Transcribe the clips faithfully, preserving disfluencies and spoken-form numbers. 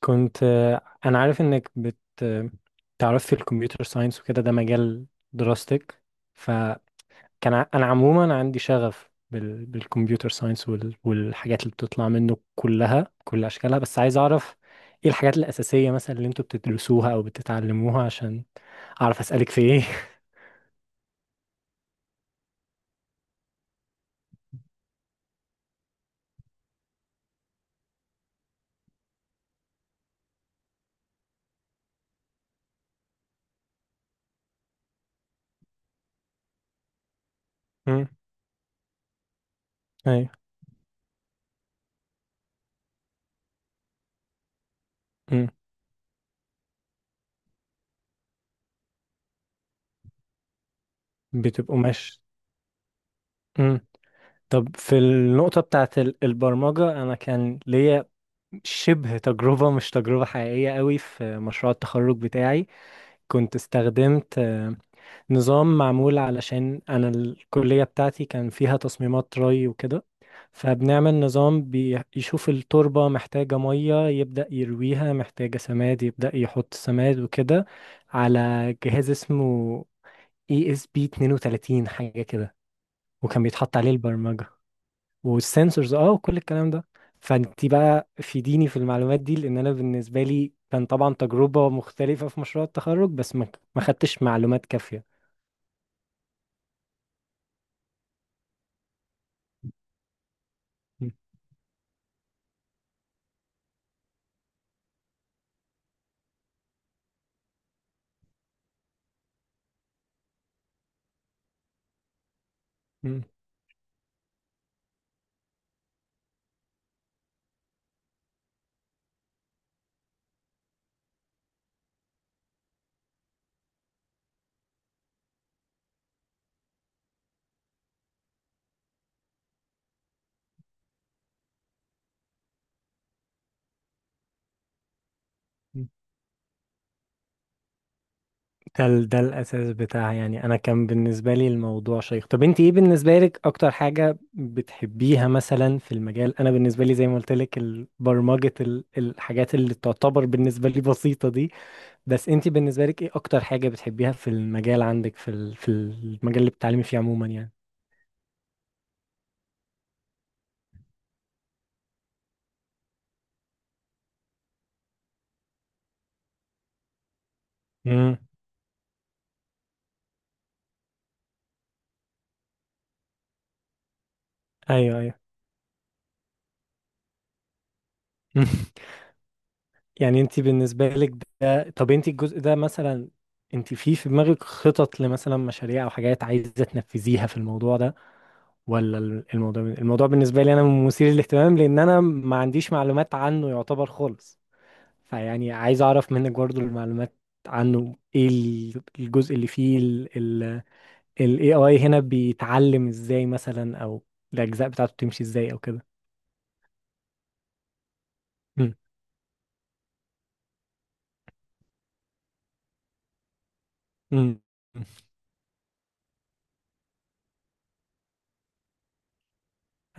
كنت آه، انا عارف انك بت آه، تعرف في الكمبيوتر ساينس وكده، ده مجال دراستك. فكان ع- انا عموما عندي شغف بال... بالكمبيوتر ساينس وال... والحاجات اللي بتطلع منه كلها، كل اشكالها، بس عايز اعرف ايه الحاجات الاساسيه مثلا اللي انتوا بتدرسوها او بتتعلموها عشان اعرف اسالك في ايه. امم ايوه. امم بتبقوا ماشي. امم طب في النقطه بتاعت ال- البرمجه، انا كان ليا شبه تجربة، مش تجربة حقيقية قوي، في مشروع التخرج بتاعي. كنت استخدمت آه، نظام معمول علشان أنا الكلية بتاعتي كان فيها تصميمات ري وكده، فبنعمل نظام بيشوف التربة محتاجة مية يبدأ يرويها، محتاجة سماد يبدأ يحط سماد وكده، على جهاز اسمه إي إس بي اثنين وثلاثين حاجة كده. وكان بيتحط عليه البرمجة والسنسورز اه وكل الكلام ده. فانت بقى فيديني في المعلومات دي، لان انا بالنسبه لي كان طبعا تجربه مختلفه في مشروع التخرج، بس ما ما خدتش معلومات كافيه. م- م- م. ده ال- ده الاساس بتاعها يعني. انا كان بالنسبه لي الموضوع شيق. طب انت ايه بالنسبه لك اكتر حاجه بتحبيها مثلا في المجال؟ انا بالنسبه لي زي ما قلت لك ال- برمجه ال- الحاجات اللي تعتبر بالنسبه لي بسيطه دي، بس انت بالنسبه لك ايه اكتر حاجه بتحبيها في المجال عندك، في ال- في المجال اللي بتتعلمي فيه عموما يعني؟ امم ايوه. ايوه. يعني انت بالنسبه لك ده، طب انت الجزء ده مثلا، انت في في دماغك خطط لمثلا مشاريع او حاجات عايزه تنفذيها في الموضوع ده، ولا ال- الموضوع الموضوع بالنسبه لي انا مثير للاهتمام، لان انا ما عنديش معلومات عنه يعتبر خالص؟ فيعني عايز اعرف منك برضو المعلومات عنه. ايه ال- الجزء اللي فيه ال ال إيه آي هنا بيتعلم ازاي مثلا، او الاجزاء بتاعته بتمشي ازاي او كده؟ امم امم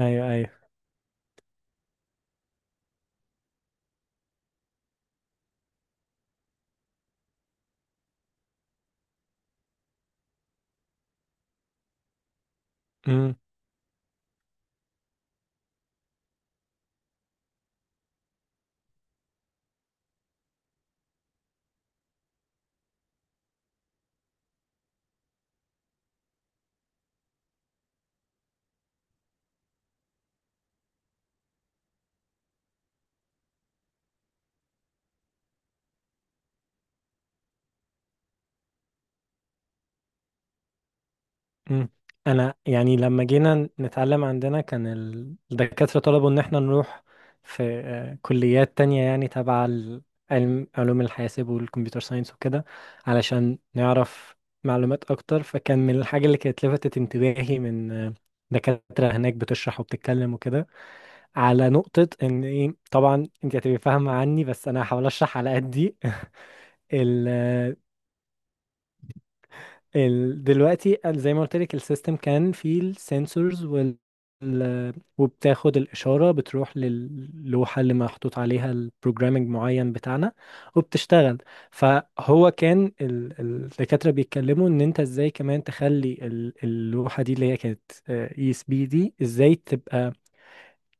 ايوه. ايوه. مم. انا يعني لما جينا نتعلم، عندنا كان ال- الدكاترة طلبوا ان احنا نروح في آه، كليات تانية يعني تبع ال- علم علوم الحاسب والكمبيوتر ساينس وكده، علشان نعرف معلومات اكتر. فكان من الحاجة اللي كانت لفتت انتباهي من آه، دكاترة هناك بتشرح وبتتكلم وكده، على نقطة ان ايه، طبعا انت هتبقي فاهمة عني بس انا هحاول اشرح على قدي. ال- ال... دلوقتي ال- زي ما قلت لك السيستم كان فيه السنسورز وال... ال- وبتاخد الإشارة، بتروح للوحة اللي محطوط عليها البروجرامينج معين بتاعنا وبتشتغل. فهو كان ال- ال- الدكاترة بيتكلموا إن أنت إزاي كمان تخلي ال- اللوحة دي اللي هي كانت اي اس بي دي إزاي تبقى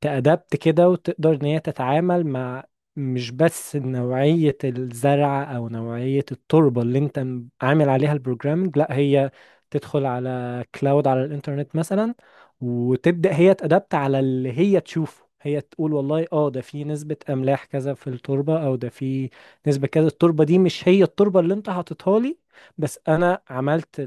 تأدبت كده، وتقدر ان هي تتعامل مع مش بس نوعية الزرع او نوعية التربة اللي انت م- عامل عليها البروجرامنج، لا هي تدخل على كلاود، على الانترنت مثلا، وتبدأ هي تأدبت على اللي هي تشوفه. هي تقول والله اه ده في نسبة املاح كذا في التربة، او ده في نسبة كذا، التربة دي مش هي التربة اللي انت حاططها لي، بس انا عملت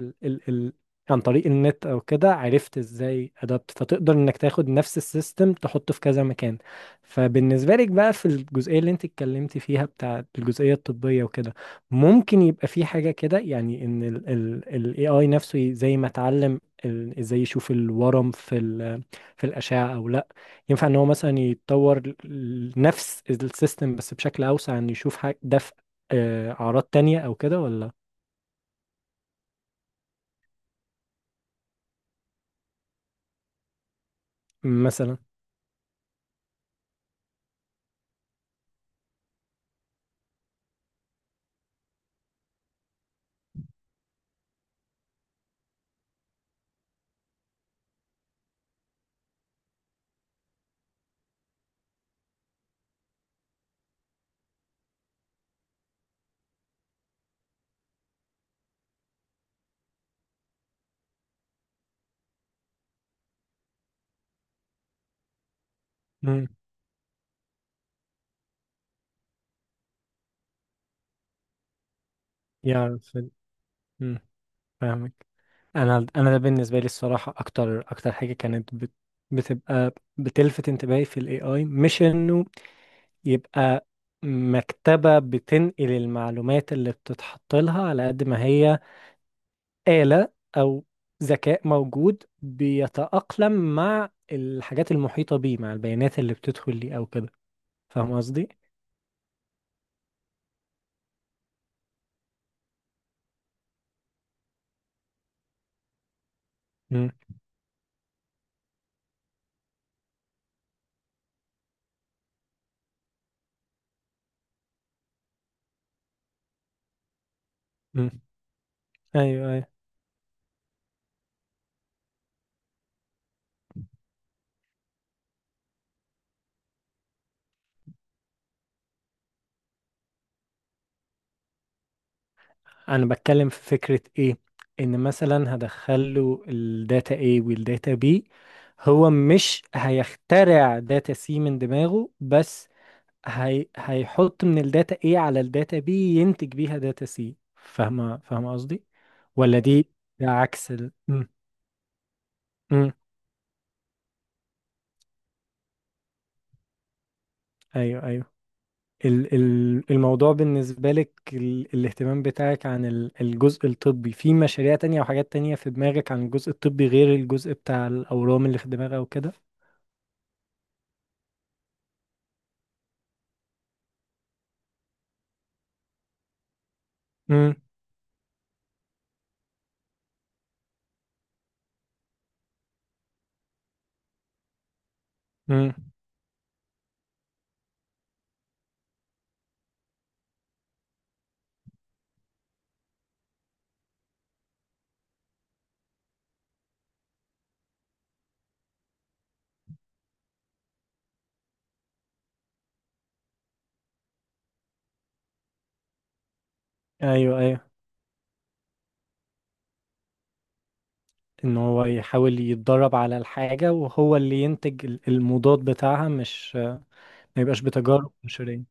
عن طريق النت او كده عرفت ازاي ادابت. فتقدر انك تاخد نفس السيستم تحطه في كذا مكان. فبالنسبه لك بقى في الجزئيه اللي انت اتكلمتي فيها بتاع الجزئيه الطبيه وكده، ممكن يبقى في حاجه كده يعني ان ال ال ال إيه آي نفسه ي- زي ما اتعلم ال- ازاي يشوف الورم في ال في الاشعه او لا، ينفع ان هو مثلا يتطور ل- ل- نفس السيستم بس بشكل اوسع ان يشوف حاجه ده في آه، اعراض تانية او كده ولا؟ مثلا. مم. يعرف ال- مم. فاهمك. انا انا ده بالنسبه لي الصراحه اكتر اكتر حاجه كانت بت... بتبقى بتلفت انتباهي في الاي اي، مش انه يبقى مكتبه بتنقل المعلومات اللي بتتحط لها، على قد ما هي آلة او ذكاء موجود بيتأقلم مع الحاجات المحيطه بيه، مع البيانات اللي بتدخل ليه او كده. فاهم قصدي؟ مم. مم. ايوه. انا بتكلم في فكرة ايه، ان مثلا هدخله الداتا A والداتا B، هو مش هيخترع داتا C من دماغه، بس هي... هيحط من الداتا A على الداتا B ينتج بيها داتا C. فاهمة فاهمة قصدي؟ ولا دي، ده عكس ال... م. م. ايوه. ايوه. ال- ال- الموضوع بالنسبة لك، ال- الاهتمام بتاعك عن ال- الجزء الطبي، في مشاريع تانية أو حاجات تانية في دماغك عن الجزء الطبي غير الجزء بتاع الأورام اللي في دماغها وكده؟ امم امم أيوه. أيوه. إن هو يحاول يتدرب على الحاجة وهو اللي ينتج ال- المضاد بتاعها، مش ما يبقاش بتجارب بشرية.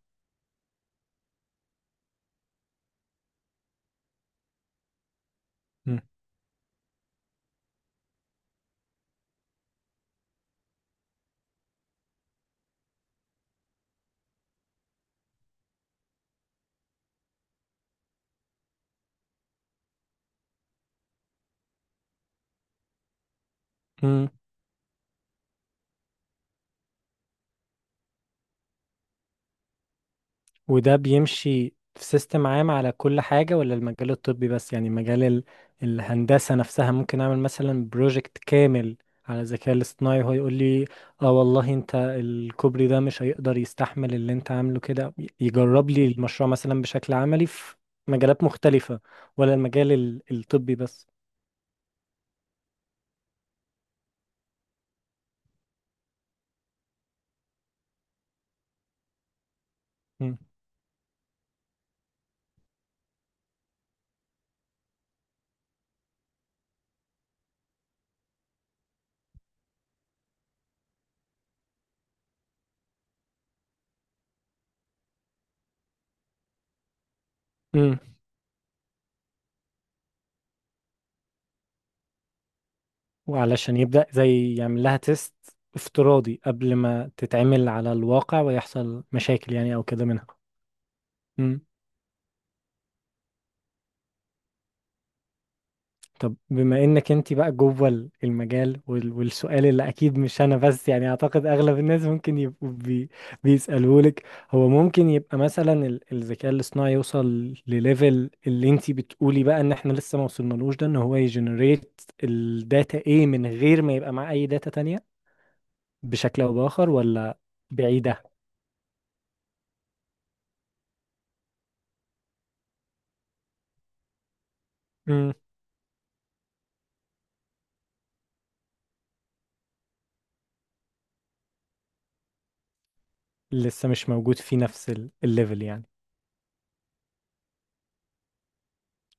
وده بيمشي في سيستم عام على كل حاجة، ولا المجال الطبي بس؟ يعني مجال ال... الهندسة نفسها ممكن أعمل مثلا بروجكت كامل على الذكاء الاصطناعي وهو يقول لي اه والله انت الكوبري ده مش هيقدر يستحمل اللي انت عامله كده، ي- يجرب لي المشروع مثلا بشكل عملي في مجالات مختلفة، ولا المجال ال... الطبي بس؟ مم. مم. وعلشان يبدأ زي يعمل لها تيست افتراضي قبل ما تتعمل على الواقع ويحصل مشاكل يعني أو كده منها. طب بما انك انت بقى جوه ال- المجال وال- والسؤال اللي اكيد مش انا بس يعني اعتقد اغلب الناس ممكن يبقوا بي بيسألوه لك، هو ممكن يبقى مثلا ال- الذكاء الاصطناعي يوصل لليفل اللي انت بتقولي بقى ان احنا لسه ما وصلنالوش ده، ان هو يجنريت الداتا ايه من غير ما يبقى معاه اي داتا تانية بشكل او باخر، ولا بعيدة؟ مم. لسه مش موجود في نفس ال- الليفل يعني.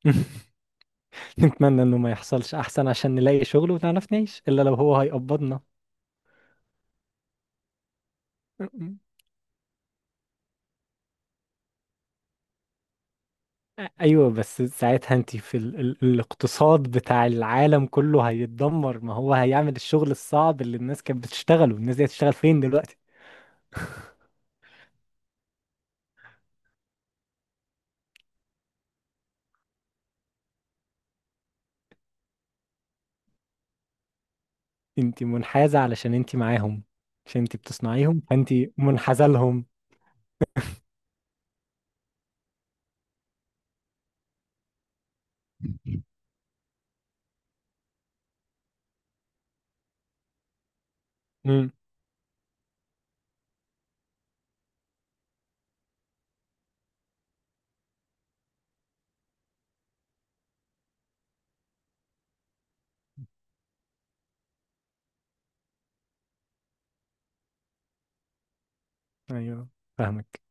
نتمنى انه ما يحصلش احسن، عشان نلاقي شغل ونعرف نعيش، الا لو هو هيقبضنا. ايوه، بس ساعتها انت في ال... ال... الاقتصاد بتاع العالم كله هيتدمر، ما هو هيعمل الشغل الصعب اللي الناس كانت بتشتغله، الناس دي هتشتغل فين دلوقتي؟ انت منحازة علشان انت معاهم، عشان انت بتصنعيهم، فانت منحازة لهم. امم ايوه. فاهمك.